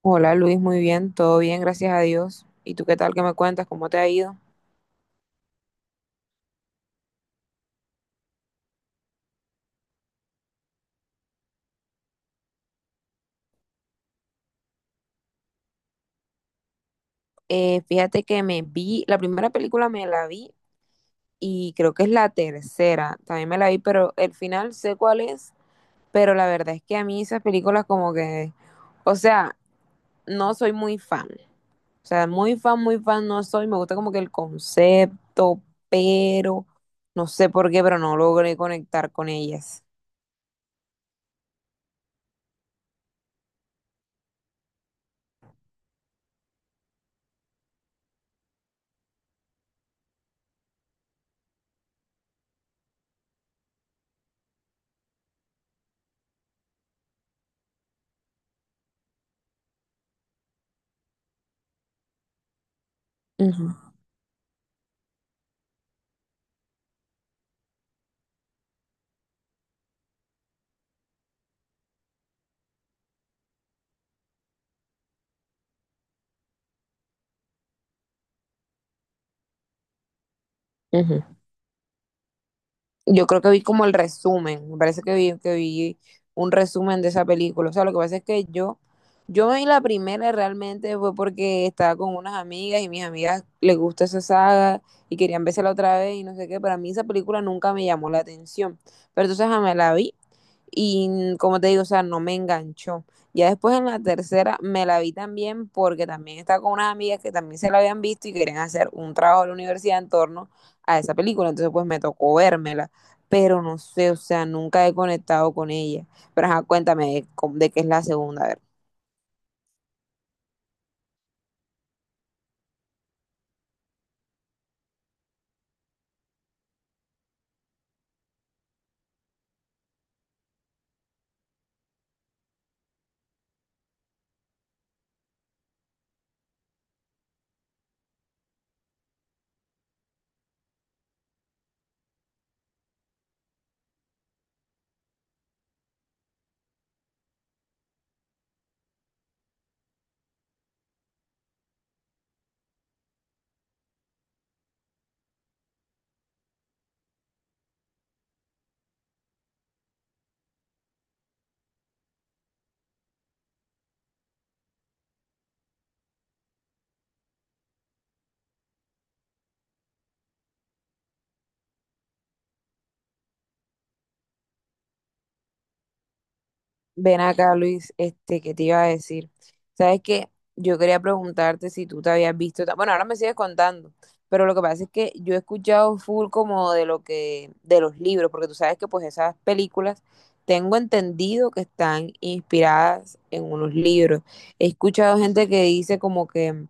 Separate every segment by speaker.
Speaker 1: Hola Luis, muy bien, todo bien, gracias a Dios. ¿Y tú qué tal? ¿Qué me cuentas? ¿Cómo te ha ido? Fíjate que me vi, la primera película me la vi y creo que es la tercera, también me la vi, pero el final sé cuál es, pero la verdad es que a mí esas películas como que, o sea, no soy muy fan, o sea, muy fan no soy, me gusta como que el concepto, pero no sé por qué, pero no logré conectar con ellas. Ujú, ujú. Yo creo que vi como el resumen, me parece que vi un resumen de esa película. O sea, lo que pasa es que yo me vi la primera realmente fue porque estaba con unas amigas y mis amigas les gusta esa saga y querían la otra vez y no sé qué, pero a mí esa película nunca me llamó la atención. Pero entonces ajá, me la vi y como te digo, o sea, no me enganchó. Ya después en la tercera me la vi también porque también estaba con unas amigas que también se la habían visto y querían hacer un trabajo de la universidad en torno a esa película. Entonces pues me tocó vérmela. Pero no sé, o sea, nunca he conectado con ella. Pero ajá, cuéntame de, de qué es la segunda, a ver. Ven acá, Luis, este, ¿qué te iba a decir? Sabes que yo quería preguntarte si tú te habías visto, bueno, ahora me sigues contando, pero lo que pasa es que yo he escuchado full como de lo que, de los libros, porque tú sabes que pues esas películas tengo entendido que están inspiradas en unos libros. He escuchado gente que dice como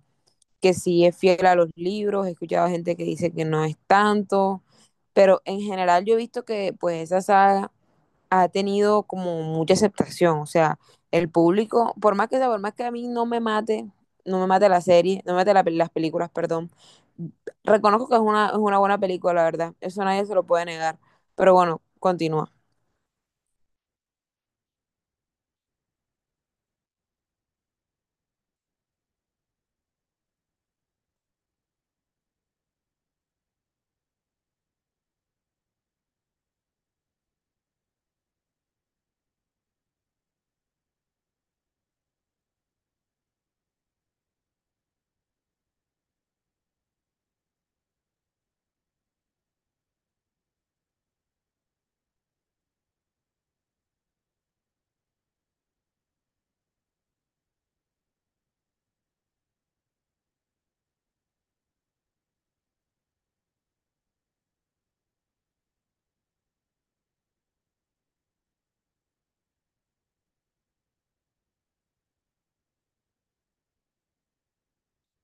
Speaker 1: que sí es fiel a los libros, he escuchado gente que dice que no es tanto, pero en general yo he visto que pues esa saga ha tenido como mucha aceptación, o sea, el público, por más que sea, por más que a mí no me mate, no me mate la serie, no me mate la, las películas, perdón, reconozco que es una buena película, la verdad, eso nadie se lo puede negar, pero bueno, continúa.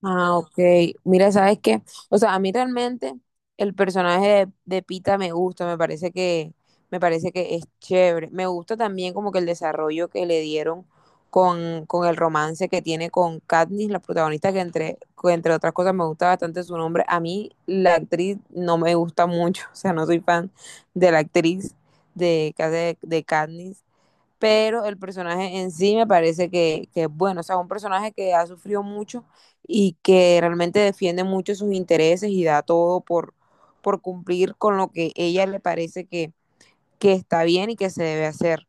Speaker 1: Ah, ok. Mira, ¿sabes qué? O sea, a mí realmente el personaje de Pita me gusta, me parece que es chévere. Me gusta también como que el desarrollo que le dieron con el romance que tiene con Katniss, la protagonista, que entre otras cosas me gusta bastante su nombre. A mí la actriz no me gusta mucho, o sea, no soy fan de la actriz de, que hace de Katniss, pero el personaje en sí me parece que es bueno, o sea, un personaje que ha sufrido mucho y que realmente defiende mucho sus intereses y da todo por cumplir con lo que ella le parece que está bien y que se debe hacer.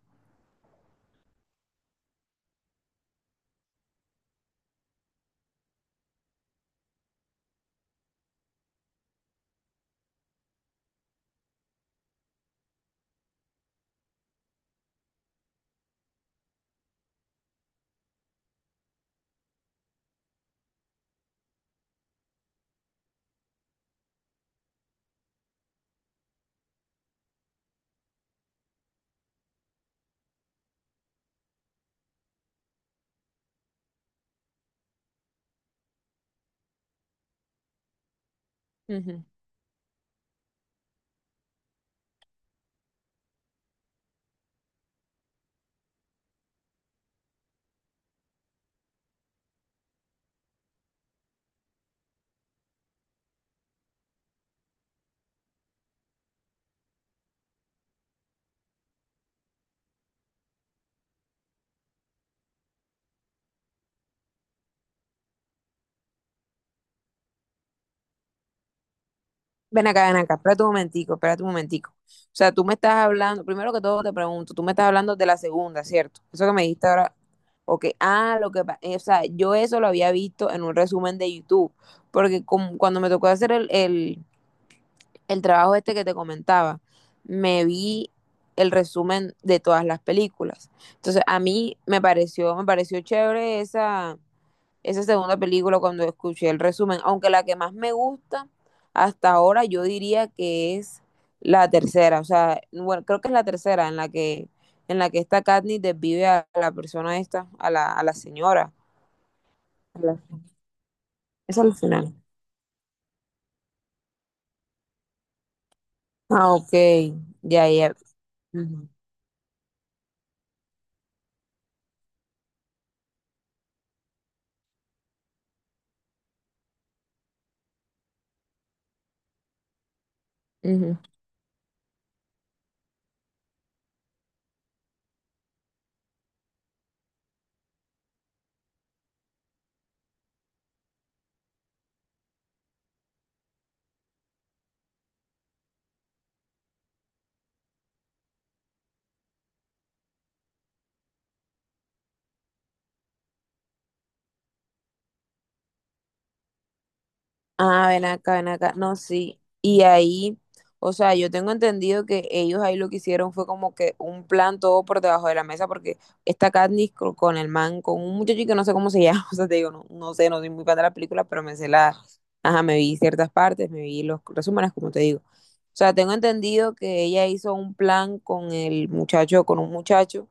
Speaker 1: Ujú. Ven acá, espérate un momentico, espérate un momentico. O sea, tú me estás hablando, primero que todo te pregunto, tú me estás hablando de la segunda, ¿cierto? Eso que me dijiste ahora, ok, lo que pasa, o sea, yo eso lo había visto en un resumen de YouTube, porque cuando me tocó hacer el trabajo este que te comentaba, me vi el resumen de todas las películas. Entonces, a mí me pareció chévere esa, esa segunda película cuando escuché el resumen, aunque la que más me gusta hasta ahora yo diría que es la tercera, o sea, bueno, creo que es la tercera en la que esta Katniss desvive a la persona esta, a la señora. A la- Es al final. Ah, ok. Ya, ya. Ujú. Ujú. Ah, ven acá, ven acá. No, sí. Y ahí, o sea, yo tengo entendido que ellos ahí lo que hicieron fue como que un plan todo por debajo de la mesa, porque esta Katniss con el man, con un muchacho que no sé cómo se llama, o sea, te digo, no, no sé, no soy muy fan de la película, pero me sé la, ajá, me vi ciertas partes, me vi los resúmenes, como te digo. O sea, tengo entendido que ella hizo un plan con el muchacho, con un muchacho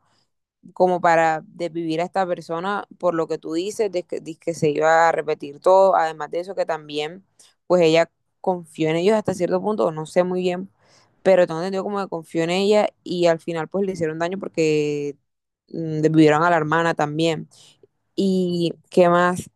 Speaker 1: como para desvivir a esta persona por lo que tú dices, de que se iba a repetir todo, además de eso que también, pues ella confió en ellos hasta cierto punto, no sé muy bien, pero tengo entendido como que confió en ella y al final pues le hicieron daño porque desvivieron a la hermana también. ¿Y qué más?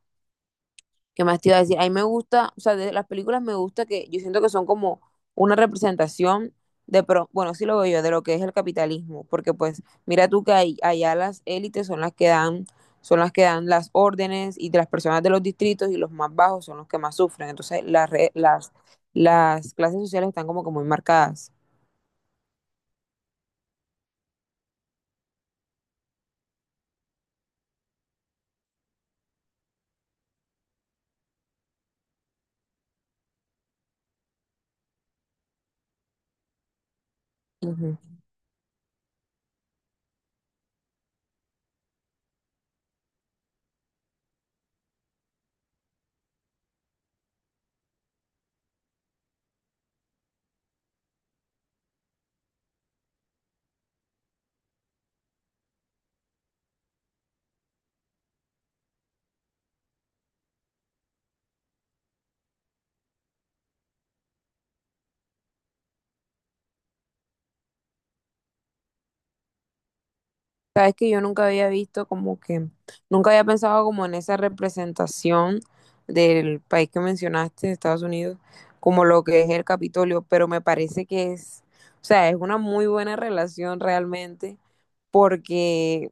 Speaker 1: ¿Qué más te iba a decir? A mí me gusta, o sea, de las películas me gusta que yo siento que son como una representación de, pro, bueno, sí lo veo yo, de lo que es el capitalismo, porque pues mira tú que allá las élites son las que dan, son las que dan las órdenes y de las personas de los distritos y los más bajos son los que más sufren. Entonces las clases sociales están como que muy marcadas. Sabes que yo nunca había visto como que, nunca había pensado como en esa representación del país que mencionaste, de Estados Unidos, como lo que es el Capitolio, pero me parece que es, o sea, es una muy buena relación realmente, porque,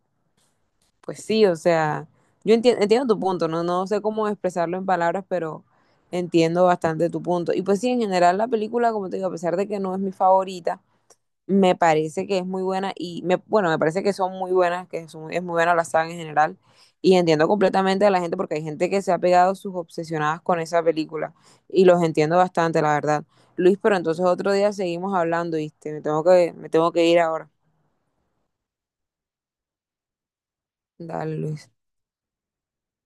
Speaker 1: pues sí, o sea, yo entiendo, entiendo tu punto, ¿no? No sé cómo expresarlo en palabras, pero entiendo bastante tu punto. Y pues sí, en general la película, como te digo, a pesar de que no es mi favorita, me parece que es muy buena y me, bueno, me parece que son muy buenas, que son, es muy buena la saga en general. Y entiendo completamente a la gente porque hay gente que se ha pegado sus obsesionadas con esa película y los entiendo bastante, la verdad. Luis, pero entonces otro día seguimos hablando, ¿viste? Me tengo que ir ahora. Dale, Luis.